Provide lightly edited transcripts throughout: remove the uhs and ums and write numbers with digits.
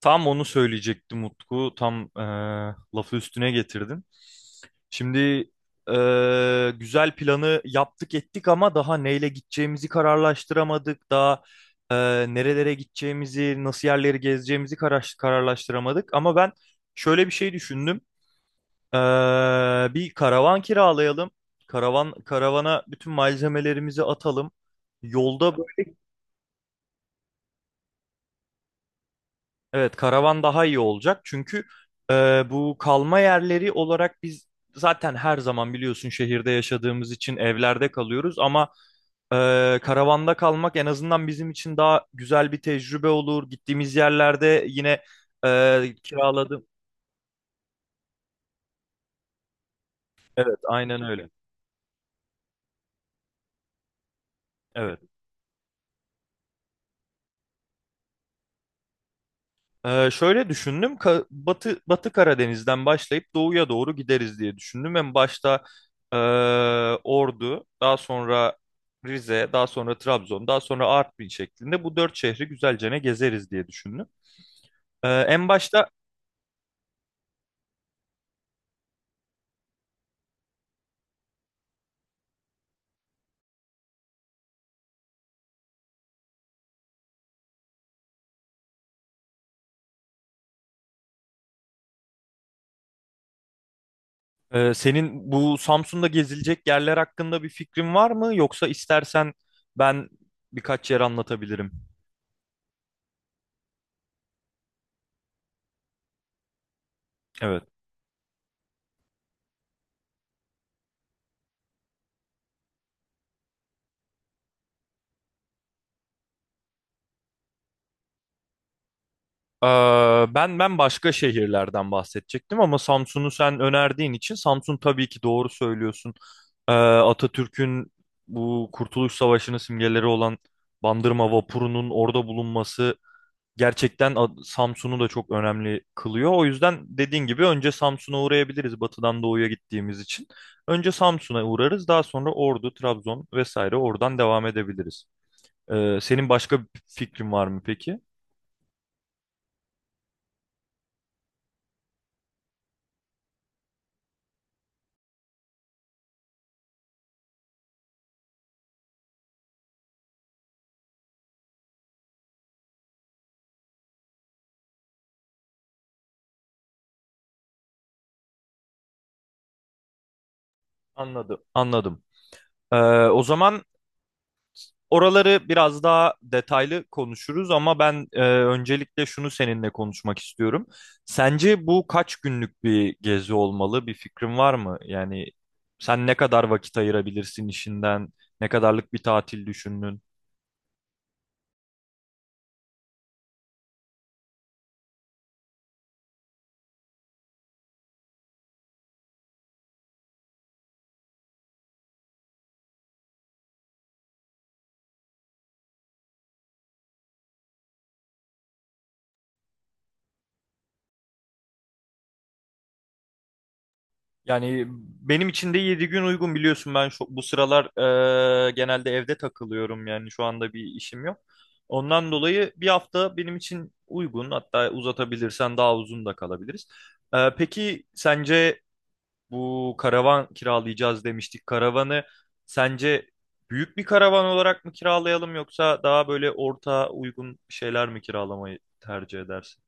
Tam onu söyleyecektim Utku. Tam lafı üstüne getirdin. Şimdi güzel planı yaptık ettik ama daha neyle gideceğimizi kararlaştıramadık. Daha e, nerelere gideceğimizi, nasıl yerleri gezeceğimizi kararlaştıramadık. Ama ben şöyle bir şey düşündüm. E, Bir karavan kiralayalım. Karavana bütün malzemelerimizi atalım. Yolda Evet, karavan daha iyi olacak çünkü bu kalma yerleri olarak biz zaten her zaman biliyorsun şehirde yaşadığımız için evlerde kalıyoruz ama e, karavanda kalmak en azından bizim için daha güzel bir tecrübe olur. Gittiğimiz yerlerde yine kiraladım. Evet, aynen öyle. Evet. Şöyle düşündüm. Batı Karadeniz'den başlayıp doğuya doğru gideriz diye düşündüm. En başta ee, Ordu, daha sonra Rize, daha sonra Trabzon, daha sonra Artvin şeklinde bu dört şehri güzelce ne gezeriz diye düşündüm. En başta Senin bu Samsun'da gezilecek yerler hakkında bir fikrin var mı? Yoksa istersen ben birkaç yer anlatabilirim. Evet. Ee, ben başka şehirlerden bahsedecektim ama Samsun'u sen önerdiğin için Samsun tabii ki doğru söylüyorsun. Atatürk'ün bu Kurtuluş Savaşı'nın simgeleri olan Bandırma vapurunun orada bulunması gerçekten Samsun'u da çok önemli kılıyor. O yüzden dediğin gibi önce Samsun'a uğrayabiliriz batıdan doğuya gittiğimiz için. Önce Samsun'a uğrarız daha sonra Ordu, Trabzon vesaire oradan devam edebiliriz. Senin başka bir fikrin var mı peki? Anladım. Anladım. Ee, O zaman oraları biraz daha detaylı konuşuruz ama ben öncelikle şunu seninle konuşmak istiyorum. Sence bu kaç günlük bir gezi olmalı? Bir fikrin var mı? Yani sen ne kadar vakit ayırabilirsin işinden? Ne kadarlık bir tatil düşündün? Yani benim için de 7 gün uygun biliyorsun ben bu sıralar genelde evde takılıyorum yani şu anda bir işim yok. Ondan dolayı bir hafta benim için uygun hatta uzatabilirsen daha uzun da kalabiliriz. Peki sence bu karavan kiralayacağız demiştik. Karavanı sence büyük bir karavan olarak mı kiralayalım yoksa daha böyle orta uygun şeyler mi kiralamayı tercih edersin?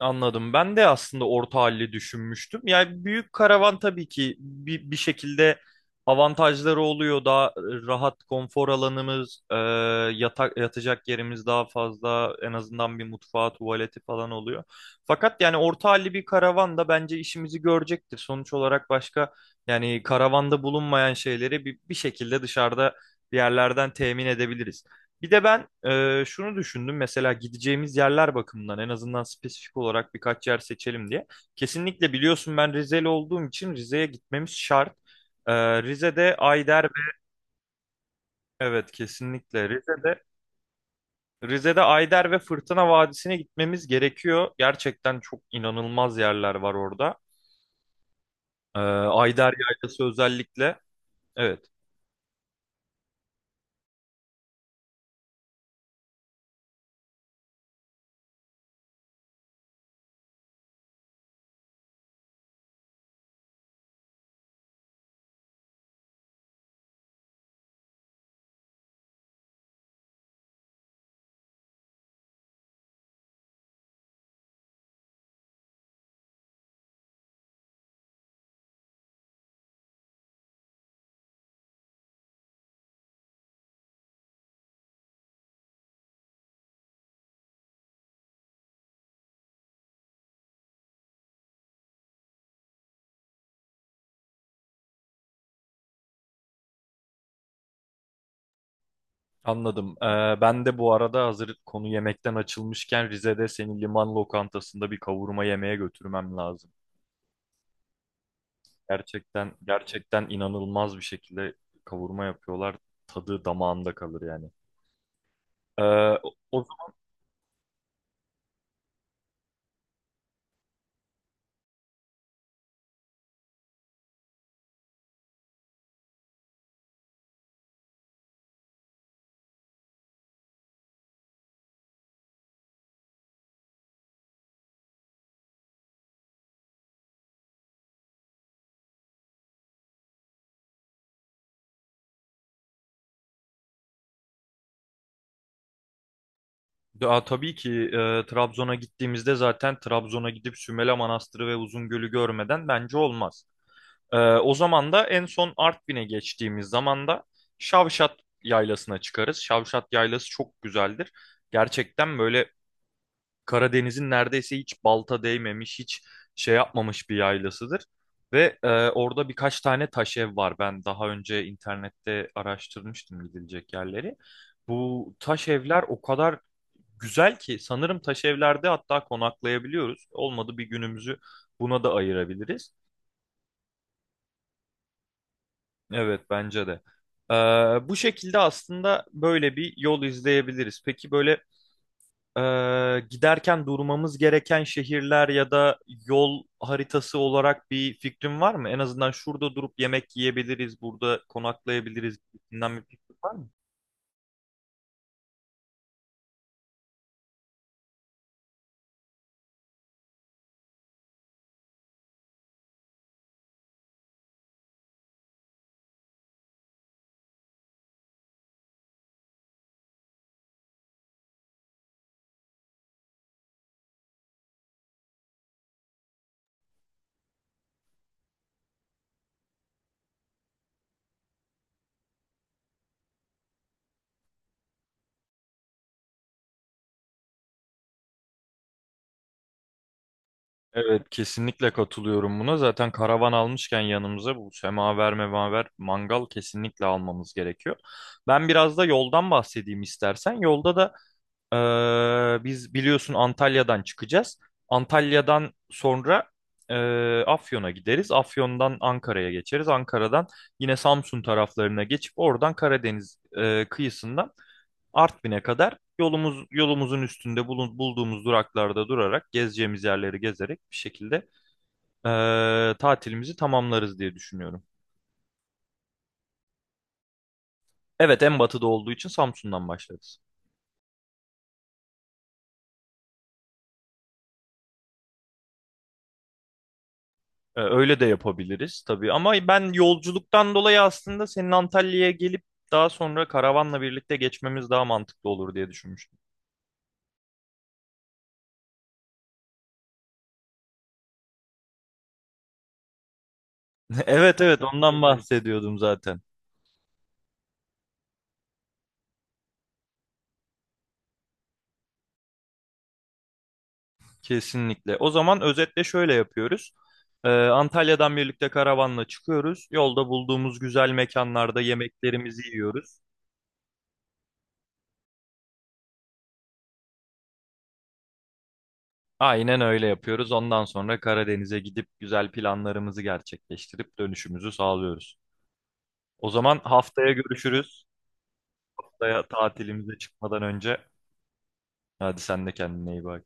Anladım. Ben de aslında orta halli düşünmüştüm. Yani büyük karavan tabii ki bir şekilde avantajları oluyor. Daha rahat konfor alanımız, yatak, yatacak yerimiz daha fazla. En azından bir mutfağı, tuvaleti falan oluyor. Fakat yani orta halli bir karavan da bence işimizi görecektir. Sonuç olarak yani karavanda bulunmayan şeyleri bir şekilde dışarıda bir yerlerden temin edebiliriz. Bir de ben şunu düşündüm mesela gideceğimiz yerler bakımından en azından spesifik olarak birkaç yer seçelim diye. Kesinlikle biliyorsun ben Rizeli olduğum için Rize'ye gitmemiz şart. E, Rize'de Ayder ve Evet, kesinlikle Rize'de Ayder ve Fırtına Vadisi'ne gitmemiz gerekiyor. Gerçekten çok inanılmaz yerler var orada. Ayder Yaylası özellikle, evet. Anladım. Ben de bu arada hazır konu yemekten açılmışken Rize'de senin liman lokantasında bir kavurma yemeye götürmem lazım. Gerçekten gerçekten inanılmaz bir şekilde kavurma yapıyorlar. Tadı damağında kalır yani. Ee, o, Aa, tabii ki Trabzon'a gittiğimizde zaten Trabzon'a gidip Sümele Manastırı ve Uzungöl'ü görmeden bence olmaz. O zaman da en son Artvin'e geçtiğimiz zaman da Şavşat Yaylası'na çıkarız. Şavşat Yaylası çok güzeldir. Gerçekten böyle Karadeniz'in neredeyse hiç balta değmemiş, hiç şey yapmamış bir yaylasıdır. Ve orada birkaç tane taş ev var. Ben daha önce internette araştırmıştım gidilecek yerleri. Bu taş evler o kadar güzel ki sanırım taş evlerde hatta konaklayabiliyoruz. Olmadı bir günümüzü buna da ayırabiliriz. Evet, bence de. E, Bu şekilde aslında böyle bir yol izleyebiliriz. Peki böyle Ee, giderken durmamız gereken şehirler ya da yol haritası olarak bir fikrin var mı? En azından şurada durup yemek yiyebiliriz, burada konaklayabiliriz gibisinden bir fikrin var mı? Evet, kesinlikle katılıyorum buna. Zaten karavan almışken yanımıza bu semaver memaver mangal kesinlikle almamız gerekiyor. Ben biraz da yoldan bahsedeyim istersen. Yolda da Biz biliyorsun Antalya'dan çıkacağız. Antalya'dan sonra e, Afyon'a gideriz. Afyon'dan Ankara'ya geçeriz. Ankara'dan yine Samsun taraflarına geçip oradan Karadeniz kıyısından Artvin'e kadar yolumuzun üstünde bulduğumuz duraklarda durarak gezeceğimiz yerleri gezerek bir şekilde tatilimizi tamamlarız diye düşünüyorum. Evet, en batıda olduğu için Samsun'dan başlarız. Öyle de yapabiliriz tabii ama ben yolculuktan dolayı aslında senin Antalya'ya gelip daha sonra karavanla birlikte geçmemiz daha mantıklı olur diye düşünmüştüm. Evet, evet, ondan bahsediyordum zaten. Kesinlikle. O zaman özetle şöyle yapıyoruz. Antalya'dan birlikte karavanla çıkıyoruz. Yolda bulduğumuz güzel mekanlarda yemeklerimizi yiyoruz. Aynen öyle yapıyoruz. Ondan sonra Karadeniz'e gidip güzel planlarımızı gerçekleştirip dönüşümüzü sağlıyoruz. O zaman haftaya görüşürüz. Haftaya tatilimize çıkmadan önce hadi sen de kendine iyi bak.